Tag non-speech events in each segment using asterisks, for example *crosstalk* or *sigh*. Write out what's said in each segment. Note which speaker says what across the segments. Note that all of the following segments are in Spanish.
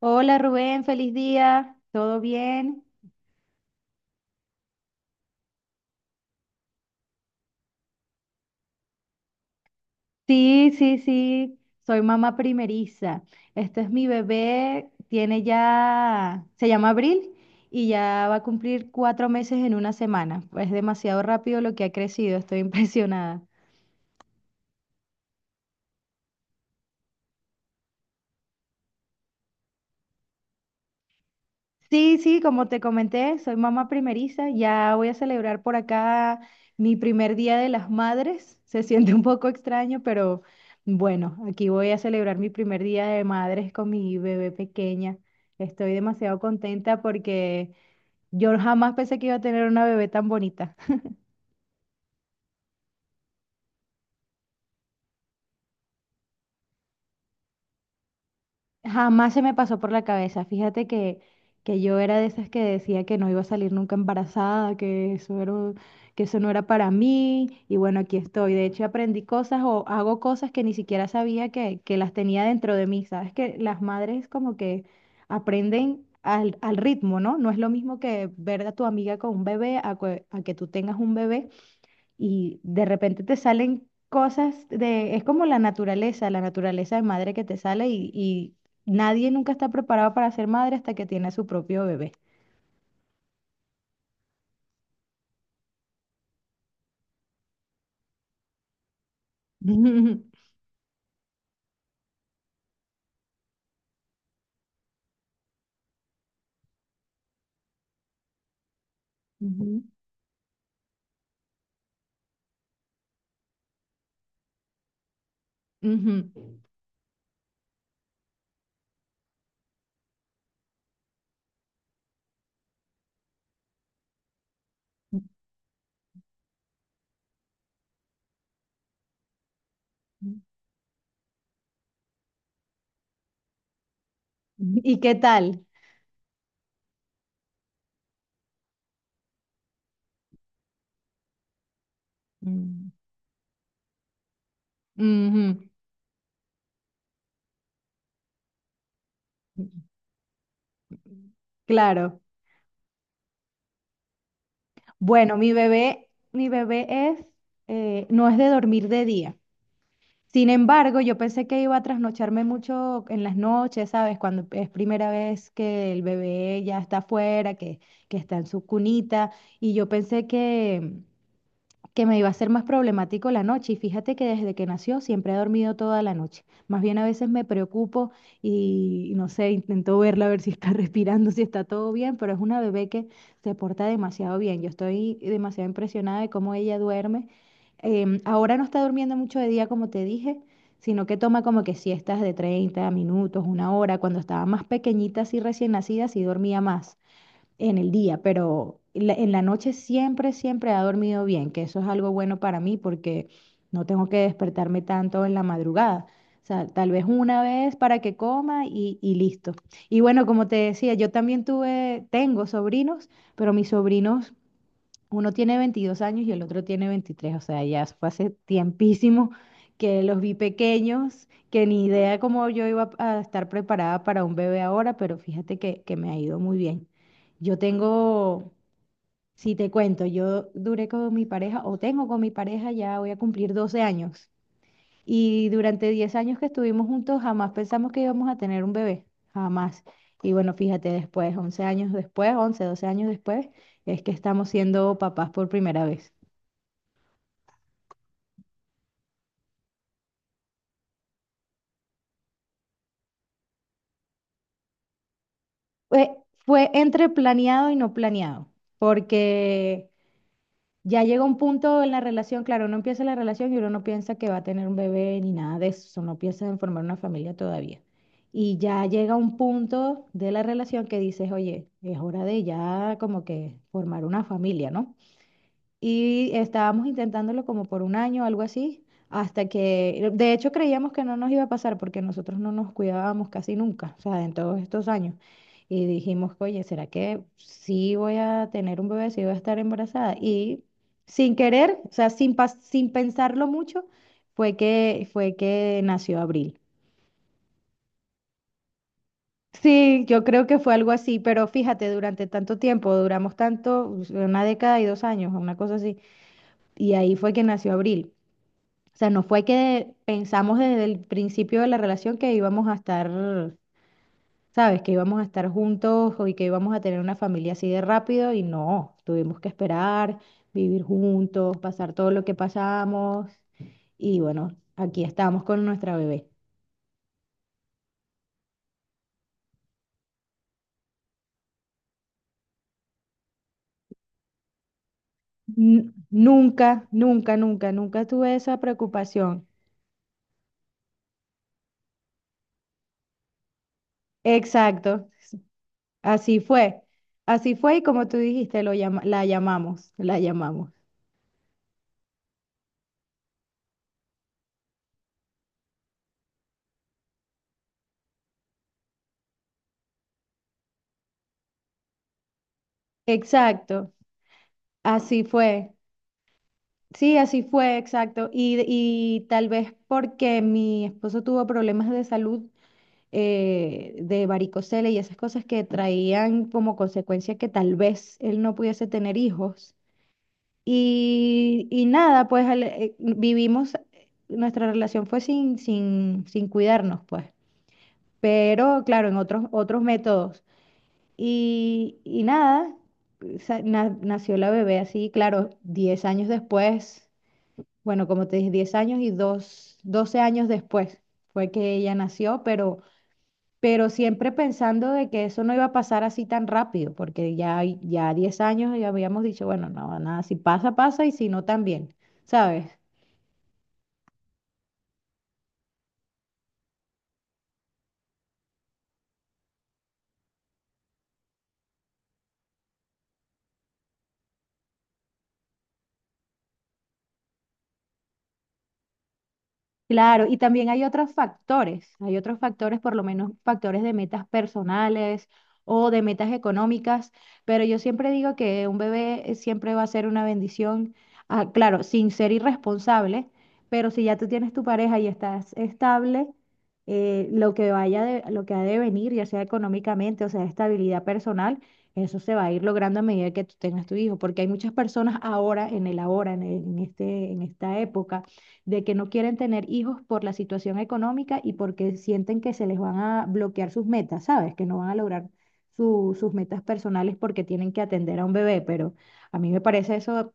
Speaker 1: Hola Rubén, feliz día. ¿Todo bien? Sí, sí, sí. Soy mamá primeriza. Este es mi bebé. Tiene ya, se llama Abril y ya va a cumplir 4 meses en una semana. Es demasiado rápido lo que ha crecido. Estoy *laughs* impresionada. Sí, sí, como te comenté, soy mamá primeriza, ya voy a celebrar por acá mi primer día de las madres. *laughs* Se siente un poco extraño, pero bueno, aquí voy a celebrar mi primer día de madres con mi bebé pequeña. Estoy demasiado contenta porque yo jamás pensé que iba a tener una bebé tan bonita. Jamás se me pasó por la cabeza. Fíjate que yo era de esas que decía que no iba a salir nunca embarazada, que eso era, que eso no era para mí. Y bueno, aquí estoy. De hecho, aprendí cosas o hago cosas que ni siquiera sabía que las tenía dentro de mí. Sabes que las madres como que aprenden al ritmo, ¿no? No es lo mismo que ver a tu amiga con un bebé a que tú tengas un bebé y de repente te salen cosas de, es como la naturaleza de madre que te sale y nadie nunca está preparado para ser madre hasta que tiene a su propio bebé. *laughs* Ujú, ujú. ¿Y qué tal? Mm. Ujú. Claro. Bueno, mi bebé es, no es de dormir de día. Sin embargo, yo pensé que iba a trasnocharme mucho en las noches, ¿sabes? Cuando es primera vez que el bebé ya está afuera, que está en su cunita, y yo pensé que me iba a ser más problemático la noche y fíjate que desde que nació siempre he dormido toda la noche. Más bien a veces me preocupo y no sé, intento verla a ver si está *laughs* respirando, si está todo bien, pero es una bebé que se porta demasiado bien. Yo estoy demasiado impresionada de cómo ella duerme. Ahora no está durmiendo mucho de día, como te dije, sino que toma como que siestas de 30 minutos, una hora. Cuando estaba más pequeñita, así recién nacida, sí dormía más en el día, pero en la noche siempre, siempre ha dormido bien, que eso es algo bueno para mí porque no tengo que despertarme tanto en la madrugada. O sea, tal vez una vez para que coma y listo. Y bueno, como te decía, yo también tengo sobrinos, pero mis sobrinos uno tiene 22 años y el otro tiene 23, o sea, ya fue hace tiempísimo que los vi pequeños, que ni idea cómo yo iba a estar preparada para un bebé ahora, pero fíjate que me ha ido muy bien. Yo tengo, si te cuento, yo duré con mi pareja o tengo con mi pareja, ya voy a cumplir 12 años. Y durante 10 años que estuvimos juntos, jamás pensamos que íbamos a tener un bebé, jamás. Y bueno, fíjate, después, 11 años después, 11 12 años después, es que estamos siendo papás por primera vez. Fue, fue entre planeado y no planeado, porque ya llega un punto en la relación, claro, uno empieza la relación y uno no piensa que va a tener un bebé ni nada de eso, no piensa en formar una familia todavía. Y ya llega un punto de la relación que dices, oye, es hora de ya como que formar una familia, ¿no? Y estábamos intentándolo como por un año, algo así, hasta que, de hecho creíamos que no nos iba a pasar porque nosotros no nos cuidábamos casi nunca, o sea, en todos estos años. Y dijimos, oye, ¿será que sí voy a tener un bebé, sí voy a estar embarazada? Y sin querer, o sea, sin pensarlo mucho, fue que nació Abril. Sí, yo creo que fue algo así, pero fíjate, durante tanto tiempo, duramos tanto, una década y 2 años, una cosa así, y ahí fue que nació Abril. O sea, no fue que pensamos desde el principio de la relación que íbamos a estar, ¿sabes? Que íbamos a estar juntos y que íbamos a tener una familia así de rápido y no, tuvimos que esperar, vivir juntos, pasar todo lo que pasamos y bueno, aquí estamos con nuestra bebé. Nunca, nunca, nunca, nunca tuve esa preocupación. Exacto, así fue. Así fue y como tú dijiste, la llamamos, la llamamos. Exacto, así fue. Sí, así fue, exacto. Y tal vez porque mi esposo tuvo problemas de salud de varicocele y esas cosas que traían como consecuencia que tal vez él no pudiese tener hijos. Y nada, pues vivimos, nuestra relación fue sin cuidarnos, pues. Pero claro, en otros métodos. Y nada, nació la bebé así, claro, 10 años después. Bueno, como te dije, 10 años y dos, 12 años después fue que ella nació, pero, siempre pensando de que eso no iba a pasar así tan rápido, porque ya 10 años ya habíamos dicho, bueno, no, nada, si pasa, pasa y si no, también, ¿sabes? Claro, y también hay otros factores, por lo menos factores de metas personales o de metas económicas, pero yo siempre digo que un bebé siempre va a ser una bendición, ah, claro, sin ser irresponsable, pero si ya tú tienes tu pareja y estás estable, lo que ha de venir, ya sea económicamente o sea estabilidad personal, eso se va a ir logrando a medida que tú tengas tu hijo, porque hay muchas personas ahora, en el ahora, en este, en esta época de que no quieren tener hijos por la situación económica y porque sienten que se les van a bloquear sus metas, ¿sabes? Que no van a lograr sus metas personales porque tienen que atender a un bebé, pero a mí me parece eso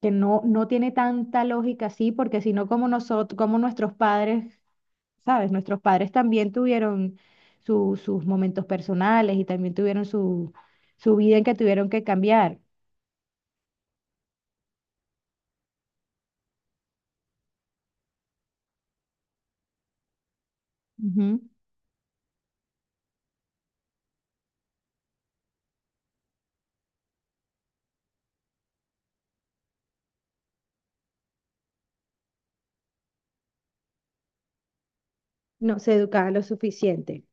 Speaker 1: que no, no tiene tanta lógica así, porque si no, como nosotros, como nuestros padres, ¿sabes? Nuestros padres también tuvieron sus momentos personales y también tuvieron su, su, vida en que tuvieron que cambiar. Ujú. No se educaban lo suficiente.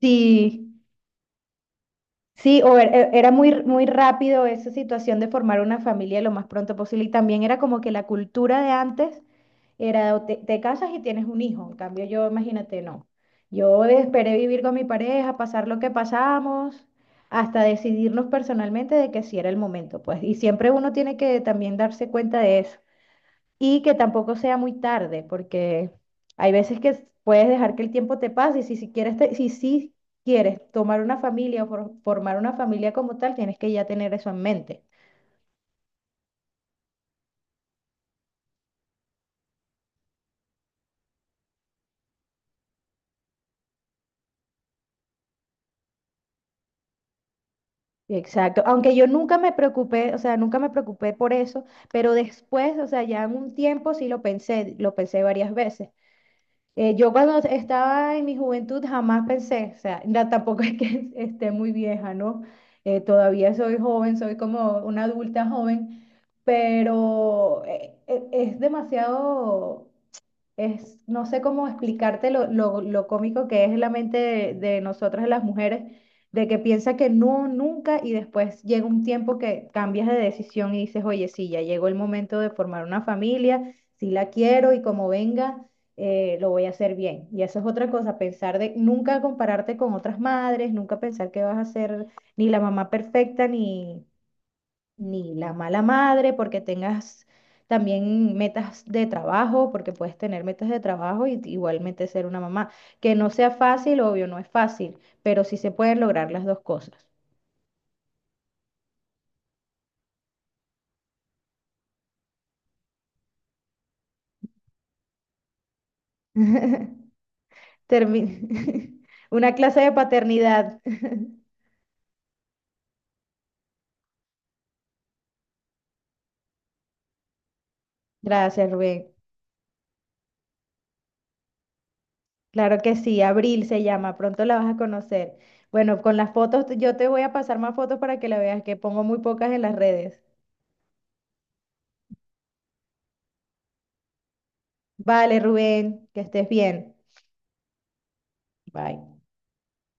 Speaker 1: Sí, sí, o era muy, muy rápido esa situación de formar una familia lo más pronto posible. Y también era como que la cultura de antes era o te casas y tienes un hijo. En cambio, yo, imagínate, no. Yo esperé vivir con mi pareja, pasar lo que pasamos, hasta decidirnos personalmente de que sí era el momento, pues. Y siempre uno tiene que también darse cuenta de eso y que tampoco sea muy tarde, porque hay veces que puedes dejar que el tiempo te pase y si, si quieres, te- si, sí quieres tomar una familia o formar una familia como tal, tienes que ya tener eso en mente. Exacto, aunque yo nunca me preocupé, o sea, nunca me preocupé por eso, pero después, o sea, ya en un tiempo sí lo pensé varias veces. Yo cuando estaba en mi juventud jamás pensé, o sea, *laughs* tampoco es que *laughs* esté muy vieja, ¿no? Todavía soy joven, soy como una adulta joven, pero es demasiado es, no sé cómo explicarte lo cómico que es la mente de nosotras las mujeres, de que piensa que no, nunca, y después llega un tiempo que cambias de decisión y dices, oye, sí, ya llegó el momento de formar una familia, sí la quiero y como venga, lo voy a hacer bien. Y eso es otra cosa, pensar de nunca compararte con otras madres, nunca pensar que vas a ser ni la mamá perfecta, ni la mala madre, porque tengas también metas de trabajo, porque puedes tener metas de trabajo y igualmente ser una mamá. Que no sea fácil, obvio, no es fácil, pero sí se pueden lograr las dos cosas. *laughs* Termi- *laughs* una clase de paternidad. *laughs* Gracias, Rubén. Claro que sí, Abril se llama, pronto la vas a conocer. Bueno, con las fotos, yo te voy a pasar más fotos para que la veas, que pongo muy pocas en las redes. Vale, Rubén, que estés bien. Bye.